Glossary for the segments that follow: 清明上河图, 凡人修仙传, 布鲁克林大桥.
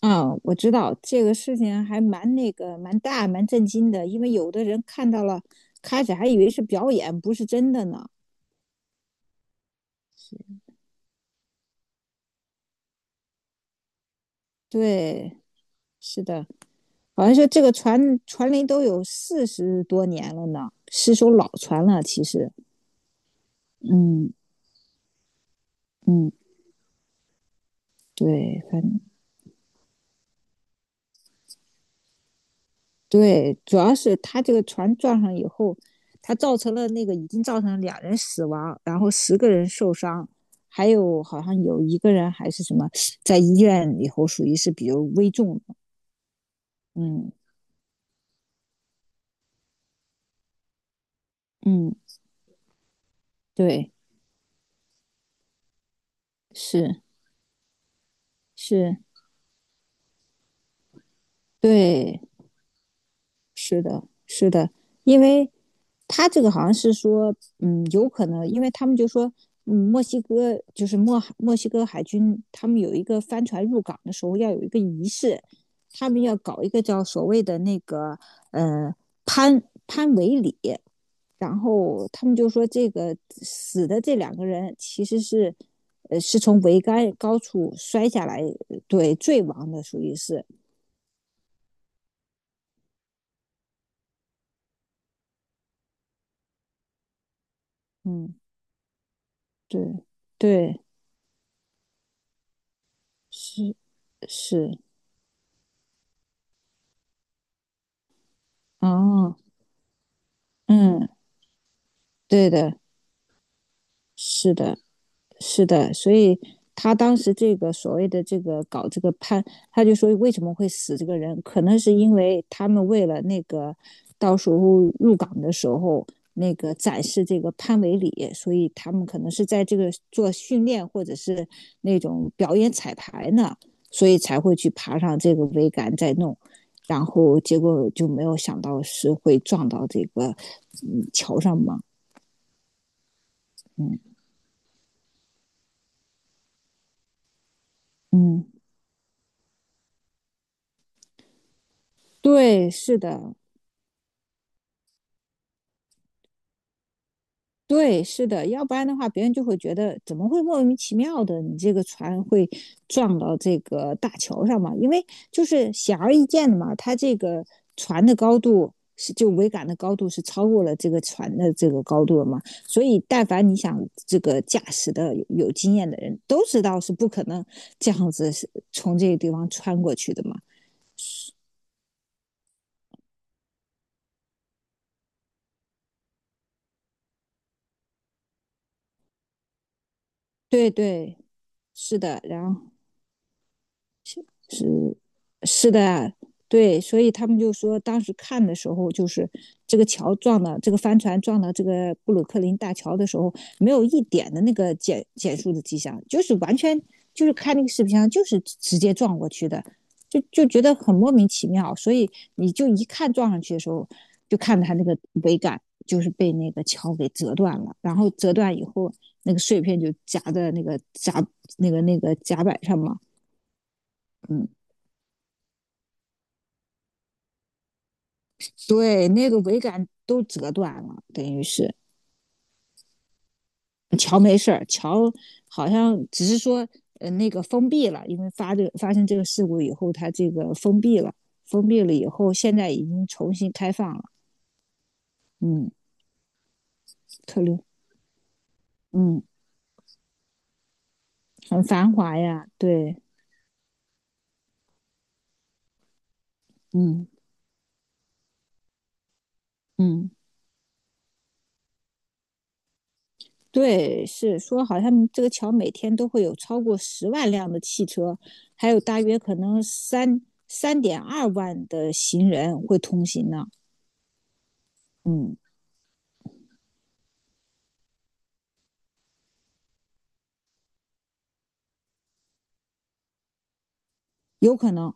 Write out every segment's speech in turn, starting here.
嗯，我知道这个事情还蛮蛮大蛮震惊的，因为有的人看到了，开始还以为是表演，不是真的呢。是，对，是的，好像说这个船龄都有40多年了呢，是艘老船了。其实，嗯，嗯，对，对，主要是他这个船撞上以后，他造成了那个已经造成了两人死亡，然后10个人受伤，还有好像有一个人还是什么在医院以后属于是比较危重的。嗯，嗯，对，是，是，对。是的，是的，因为他这个好像是说，嗯，有可能，因为他们就说，嗯，墨西哥就是墨西哥海军，他们有一个帆船入港的时候要有一个仪式，他们要搞一个叫所谓的那个呃潘维礼，然后他们就说这个死的这两个人其实是，呃，是从桅杆高处摔下来，对，坠亡的，属于是，嗯，对，对，是。是，哦，嗯，对的，是的。是的，所以他当时这个所谓的这个搞这个判，他就说为什么会死这个人，可能是因为他们为了那个到时候入港的时候那个展示这个潘维礼，所以他们可能是在这个做训练或者是那种表演彩排呢，所以才会去爬上这个桅杆再弄，然后结果就没有想到是会撞到这个桥上嘛。嗯，嗯。对，是的，对，是的，要不然的话，别人就会觉得怎么会莫名其妙的，你这个船会撞到这个大桥上嘛？因为就是显而易见的嘛，它这个船的高度是就桅杆的高度是超过了这个船的这个高度了嘛，所以但凡你想这个驾驶的有经验的人都知道是不可能这样子是从这个地方穿过去的嘛。对对，是的，然后。是是的啊，对，所以他们就说，当时看的时候，就是这个桥撞到这个帆船撞到这个布鲁克林大桥的时候，没有一点的那个减速的迹象，就是完全就是看那个视频上就是直接撞过去的，就觉得很莫名其妙。所以你就一看撞上去的时候，就看他那个桅杆就是被那个桥给折断了，然后折断以后，那个碎片就夹在那个甲那个那个甲板上嘛。嗯。对，那个桅杆都折断了，等于是桥没事儿，桥好像只是说那个封闭了，因为发生这个事故以后，它这个封闭了，封闭了以后，现在已经重新开放了。嗯，特留，嗯，很繁华呀，对，嗯，嗯，对，是说好像这个桥每天都会有超过10万辆的汽车，还有大约可能3.2万的行人会通行呢。嗯，有可能。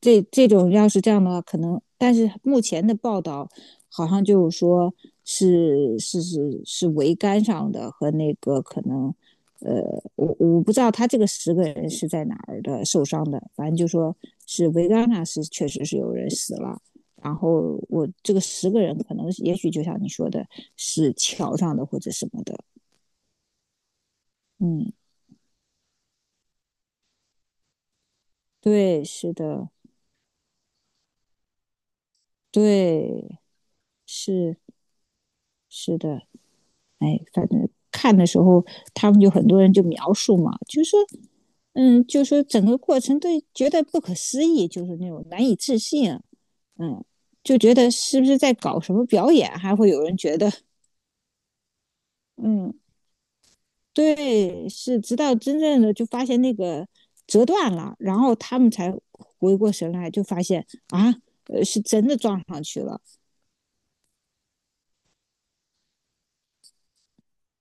这这种要是这样的话，可能，但是目前的报道好像就是说是桅杆上的和那个可能，呃，我不知道他这个十个人是在哪儿的受伤的，反正就说是桅杆上是确实是有人死了，然后我这个十个人可能也许就像你说的，是桥上的或者什么的，嗯，对，是的，对，是是的，哎，反正看的时候，他们就很多人就描述嘛，就说，嗯，就说整个过程都觉得不可思议，就是那种难以置信，啊，嗯，就觉得是不是在搞什么表演，还会有人觉得，嗯，对，是，直到真正的就发现那个折断了，然后他们才回过神来，就发现啊，呃，是真的撞上去了，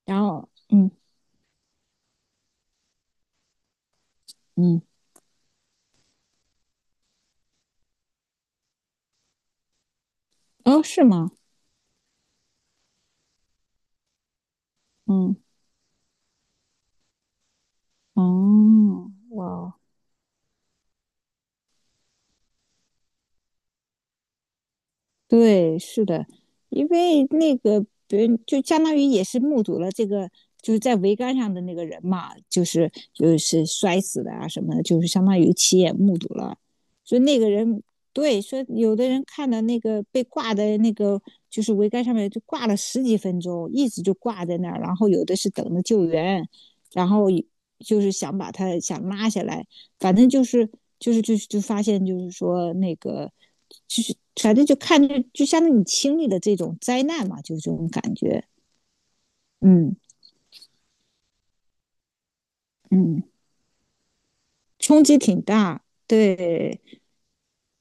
然后，嗯，嗯，哦，是吗？嗯，哦，哇哦。对，是的，因为那个别人就相当于也是目睹了这个，就是在桅杆上的那个人嘛，就是摔死的啊什么的，就是相当于亲眼目睹了。所以那个人，对，说有的人看到那个被挂的那个就是桅杆上面就挂了10几分钟，一直就挂在那儿，然后有的是等着救援，然后就是想把他想拉下来，反正就是就发现就是说那个就是反正就看着就相当于你经历了这种灾难嘛，就这种感觉，嗯，嗯，冲击挺大，对。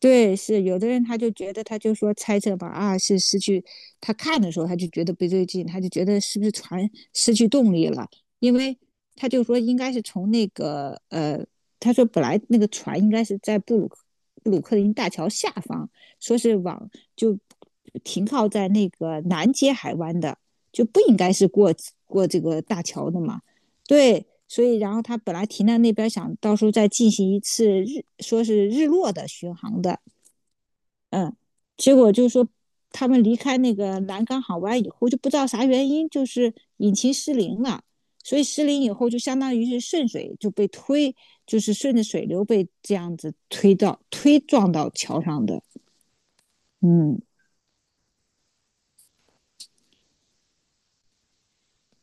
对，是有的人他就觉得，他就说猜测吧，啊，是失去他看的时候他就觉得不对劲，他就觉得是不是船失去动力了？因为他就说应该是从那个他说本来那个船应该是在布鲁克林大桥下方，说是往就停靠在那个南接海湾的，就不应该是过过这个大桥的嘛？对。所以，然后他本来停在那边，想到时候再进行一次日，说是日落的巡航的，嗯，结果就是说他们离开那个南港港湾以后，就不知道啥原因，就是引擎失灵了。所以失灵以后，就相当于是顺水就被推，就是顺着水流被这样子推撞到桥上的。嗯，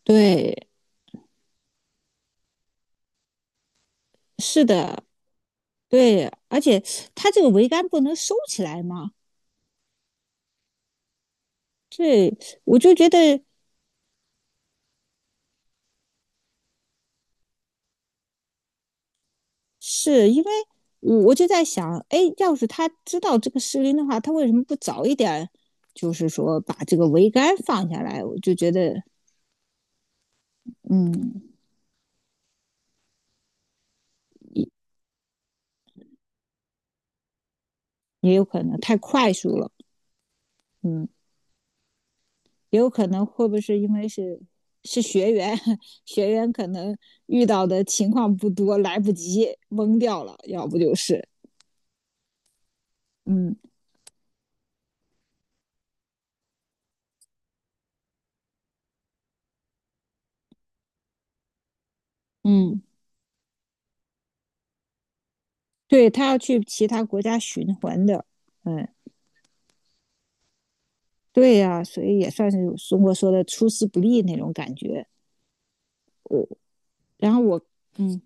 对，是的，对，而且它这个桅杆不能收起来嘛，对，我就觉得是因为我就在想，哎，要是他知道这个失灵的话，他为什么不早一点，就是说把这个桅杆放下来？我就觉得，嗯，也有可能太快速了，嗯，也有可能会不会是因为是学员，学员可能遇到的情况不多，来不及懵掉了，要不就是，嗯，嗯，对他要去其他国家循环的，嗯，对呀、啊所以也算是中国说的出师不利那种感觉。我然后我嗯，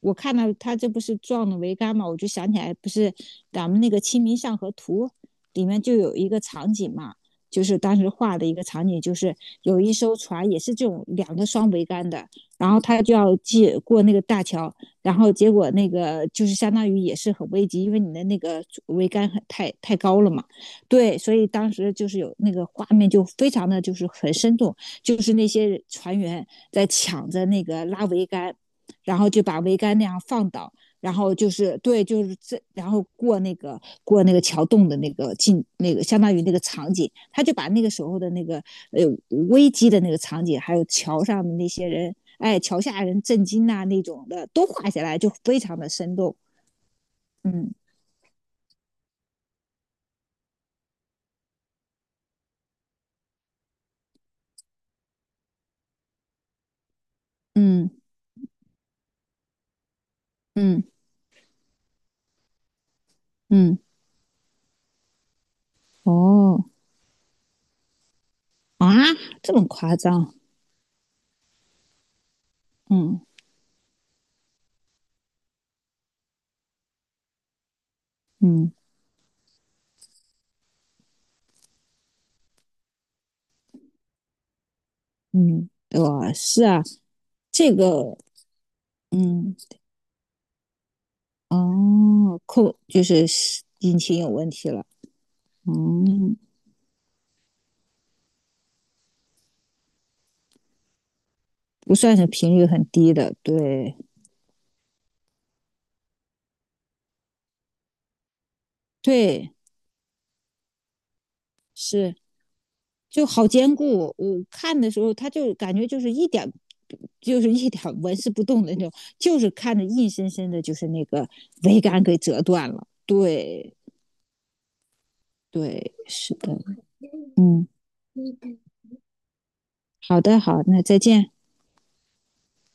我看到他这不是撞了桅杆嘛，我就想起来，不是咱们那个《清明上河图》里面就有一个场景嘛，就是当时画的一个场景，就是有一艘船也是这种两个双桅杆的，然后他就要借过那个大桥，然后结果那个就是相当于也是很危急，因为你的那个桅杆很太高了嘛，对，所以当时就是有那个画面就非常的就是很生动，就是那些船员在抢着那个拉桅杆。然后就把桅杆那样放倒，然后就是对，就是这，然后过那个桥洞的那个相当于那个场景，他就把那个时候的那个呃危机的那个场景，还有桥上的那些人，哎，桥下人震惊呐、那种的都画下来，就非常的生动。嗯，嗯，嗯，嗯，哦，啊，这么夸张？嗯，嗯，嗯，哇，呃是啊，这个嗯。哦，扣就是引擎有问题了，嗯，不算是频率很低的，对对，是就好坚固。我看的时候，它就感觉就是一点，就是一点纹丝不动的那种，就是看着硬生生的，就是那个桅杆给折断了。对对，是的，嗯，好的好，那再见。